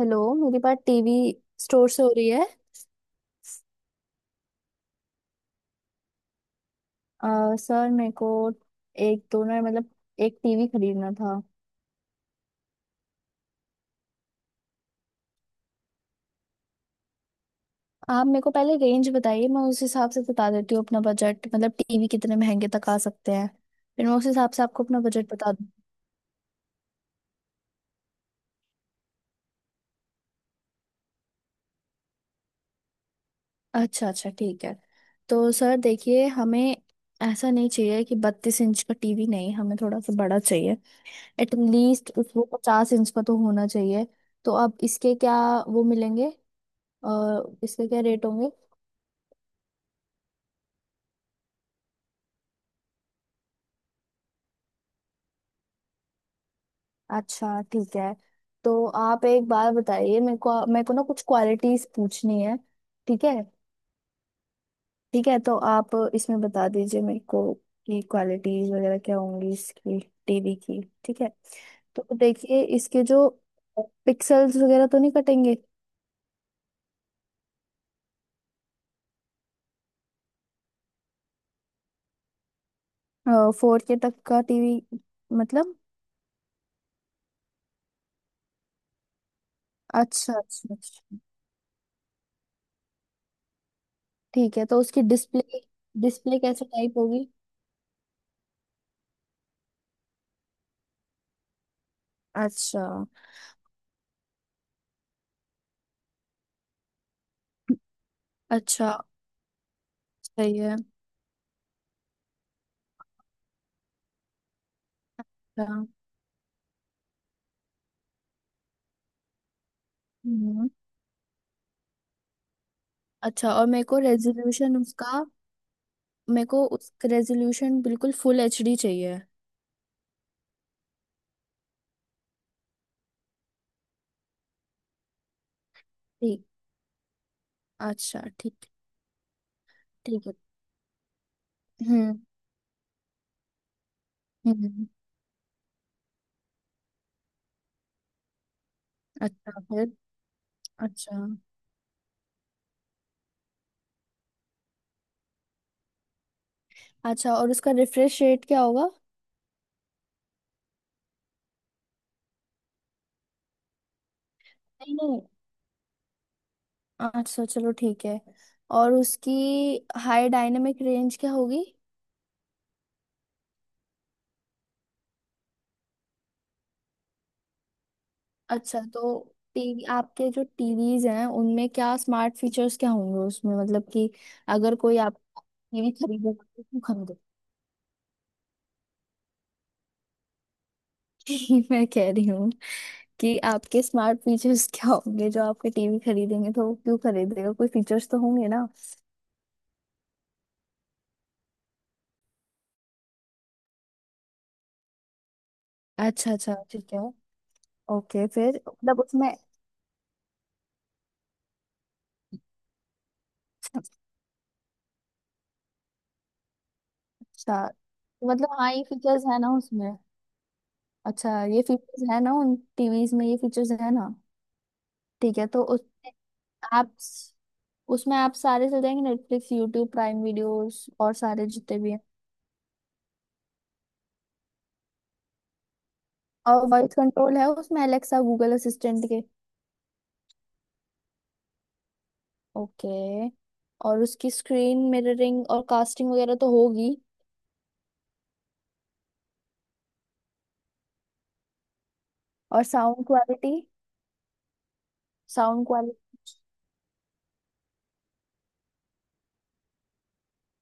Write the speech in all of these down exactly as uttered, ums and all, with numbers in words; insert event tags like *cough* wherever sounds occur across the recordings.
Hello, मेरी बात TV store से हो रही है। आ, सर मेरे को एक दोनों मतलब एक टीवी खरीदना था। आप मेरे को पहले रेंज बताइए, मैं उस हिसाब से बता देती हूँ अपना बजट। मतलब टीवी कितने महंगे तक आ सकते हैं, फिर मैं उस हिसाब से आपको अपना बजट बता दूँ। अच्छा अच्छा, ठीक है। तो सर देखिए, हमें ऐसा नहीं चाहिए कि बत्तीस इंच का टीवी, नहीं हमें थोड़ा सा बड़ा चाहिए। एटलीस्ट उसको पचास इंच का तो होना चाहिए। तो अब इसके क्या वो मिलेंगे, और इसके क्या रेट होंगे? अच्छा, ठीक है। तो आप एक बार बताइए मेरे को, मेरे को ना कुछ क्वालिटीज पूछनी है। ठीक है। ठीक है, तो आप इसमें बता दीजिए मेरे को कि क्वालिटीज वगैरह क्या होंगी इसकी, टीवी की, ठीक है। तो देखिए इसके जो पिक्सल्स वगैरह तो नहीं कटेंगे। फोर के तक का टीवी मतलब। अच्छा अच्छा अच्छा, ठीक है। तो उसकी डिस्प्ले, डिस्प्ले कैसे टाइप होगी? अच्छा। अच्छा। सही है। अच्छा। अच्छा, और मेरे को रेजोल्यूशन उसका, मेरे को उस रेजोल्यूशन बिल्कुल फुल एचडी चाहिए। ठीक। अच्छा, ठीक। ठीक है। हम्म। हम्म। अच्छा फिर। अच्छा। अच्छा, और उसका रिफ्रेश रेट क्या होगा? नहीं नहीं। अच्छा, चलो ठीक है। और उसकी हाई डायनेमिक रेंज क्या होगी? अच्छा, तो टीवी, आपके जो टीवीज हैं उनमें क्या स्मार्ट फीचर्स क्या होंगे उसमें, मतलब कि अगर कोई आप टीवी खरीदेगा तो क्यों खरीदे? *laughs* मैं कह रही हूँ कि आपके स्मार्ट फीचर्स *laughs* क्या होंगे, जो आपके टीवी खरीदेंगे तो वो क्यों खरीदेगा, कोई फीचर्स तो होंगे ना? अच्छा अच्छा, ठीक है। ओके, फिर मतलब उसमें। अच्छा। मतलब, हाँ, ये फीचर्स है ना उसमें? अच्छा, ये फीचर्स है ना उन टीवीज में, ये फीचर्स है ना? ठीक है, तो उसमें आप, उसमें आप सारे चल जाएंगे नेटफ्लिक्स, यूट्यूब, प्राइम वीडियोस, और सारे जितने भी हैं। और वॉइस कंट्रोल है उसमें, अलेक्सा, गूगल असिस्टेंट के? ओके। और उसकी स्क्रीन मिररिंग और कास्टिंग वगैरह तो होगी? और साउंड क्वालिटी? Sound quality.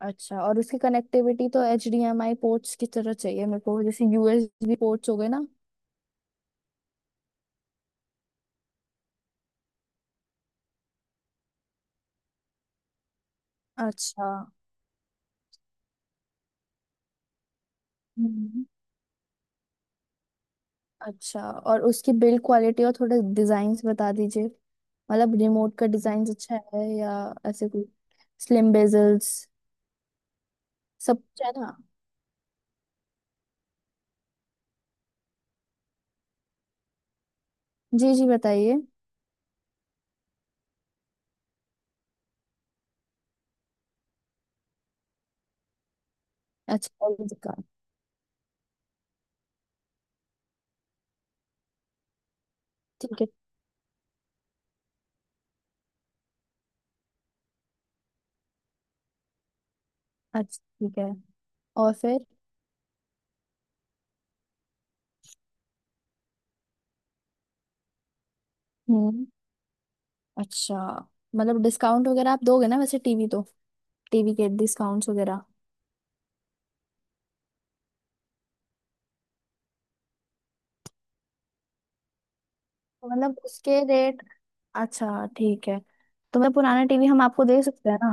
अच्छा, और उसकी कनेक्टिविटी तो H D M I ports की तरह चाहिए मेरे को, जैसे यूएसबी पोर्ट्स हो गए ना। अच्छा। हम्म। अच्छा, और उसकी बिल्ड क्वालिटी और थोड़े डिजाइन बता दीजिए, मतलब रिमोट का डिजाइन अच्छा है या ऐसे कोई स्लिम बेजल्स? सब कुछ है ना? जी जी बताइए। अच्छा, L E D का। ठीक है। अच्छा, ठीक है। और फिर? हम्म। अच्छा। मतलब डिस्काउंट वगैरह आप दोगे ना वैसे टीवी तो, टीवी के डिस्काउंट्स वगैरह? तो मतलब उसके रेट। अच्छा, ठीक है। तो मैं पुराना टीवी, हम आपको दे सकते हैं ना?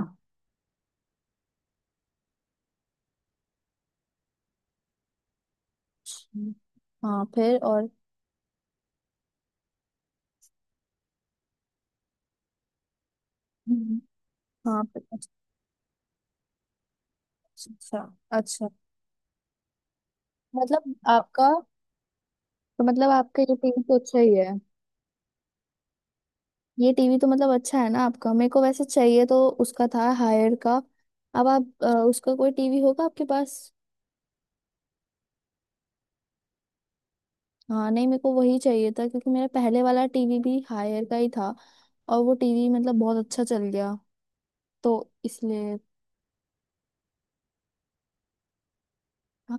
हम्म। हाँ फिर और। हम्म। हाँ फिर- अच्छा। अच्छा अच्छा। मतलब आपका, तो मतलब आपका ये टीवी तो अच्छा ही है। ये टीवी तो मतलब अच्छा है ना आपका, मेरे को वैसे चाहिए तो उसका था हायर का। अब आप, अ, उसका कोई टीवी होगा आपके पास? हाँ नहीं, मेरे को वही चाहिए था क्योंकि मेरा पहले वाला टीवी भी हायर का ही था, और वो टीवी मतलब बहुत अच्छा चल गया तो इसलिए। हाँ,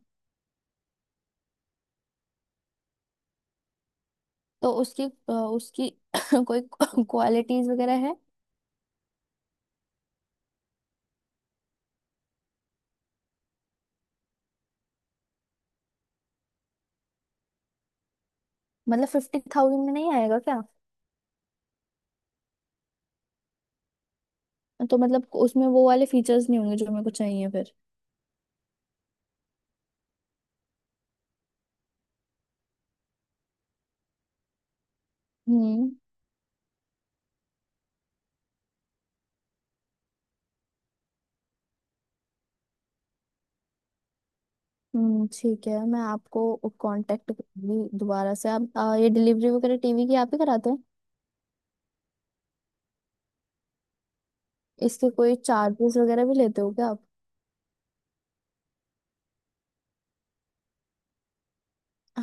तो उसकी, अ, उसकी *coughs* कोई क्वालिटीज वगैरह है? मतलब फिफ्टी थाउजेंड में नहीं आएगा क्या? तो मतलब उसमें वो वाले फीचर्स नहीं होंगे जो मेरे को चाहिए फिर? हम्म। हम्म, ठीक है। मैं आपको कांटेक्ट करूंगी दोबारा से। आप, अ, ये डिलीवरी वगैरह टीवी की आप ही कराते हैं? इसके कोई चार्जेस वगैरह भी लेते हो क्या आप?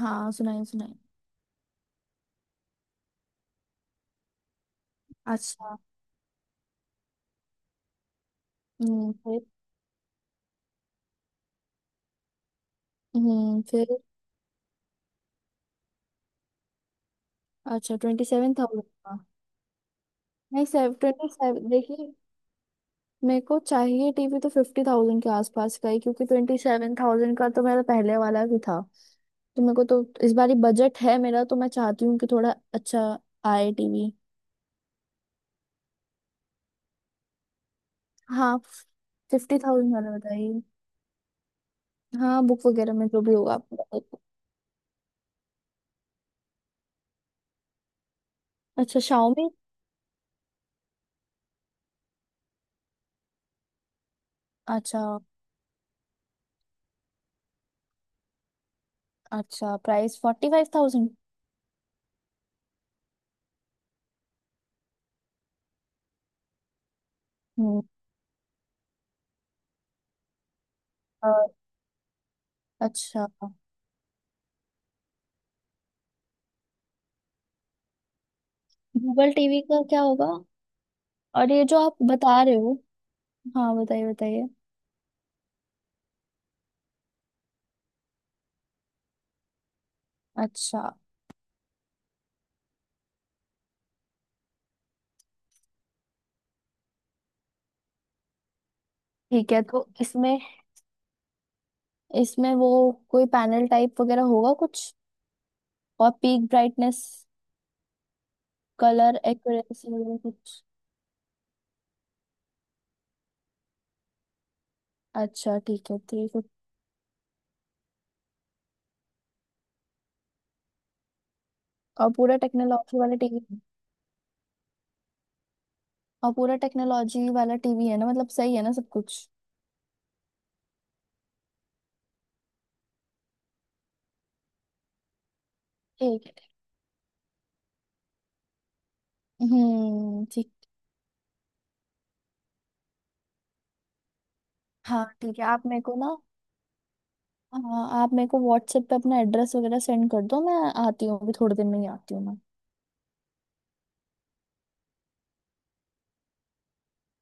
हाँ सुनाइए सुनाइए। अच्छा। हम्म फिर। हम्म फिर। अच्छा, ट्वेंटी सेवन थाउजेंड का? नहीं सर, ट्वेंटी सेवन, देखिए मेरे को चाहिए टीवी तो फिफ्टी थाउजेंड के आसपास का ही, क्योंकि ट्वेंटी सेवन थाउजेंड का तो मेरा पहले वाला भी था। तो मेरे को तो इस बार बजट है मेरा, तो मैं चाहती हूँ कि थोड़ा अच्छा आए टीवी। हाँ, फिफ्टी थाउजेंड वाला बताइए। हाँ, बुक वगैरह में जो भी होगा आप बता दो। अच्छा, शाओमी। अच्छा। अच्छा, प्राइस फोर्टी फाइव थाउजेंड। हम्म। अ, अच्छा, गूगल टीवी का क्या होगा? और ये जो आप बता रहे हो? हाँ बताइए बताइए। अच्छा, ठीक है। तो इसमें, इसमें वो कोई पैनल टाइप वगैरह होगा कुछ? और पीक ब्राइटनेस, कलर एक्यूरेसी वगैरह कुछ? अच्छा, ठीक है ठीक है। और पूरा टेक्नोलॉजी वाला टीवी। और पूरा टेक्नोलॉजी वाला टीवी है ना, मतलब सही है ना सब कुछ? ठीक है। हम्म, ठीक। हाँ ठीक है, आप मेरे को ना, हाँ आप मेरे को व्हाट्सएप पे अपना एड्रेस वगैरह सेंड कर दो। मैं आती हूँ, अभी थोड़ी देर में ही आती हूँ मैं।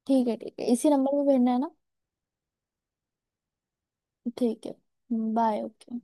ठीक है ठीक है, इसी नंबर पे भेजना है ना? ठीक है। Bye, okay.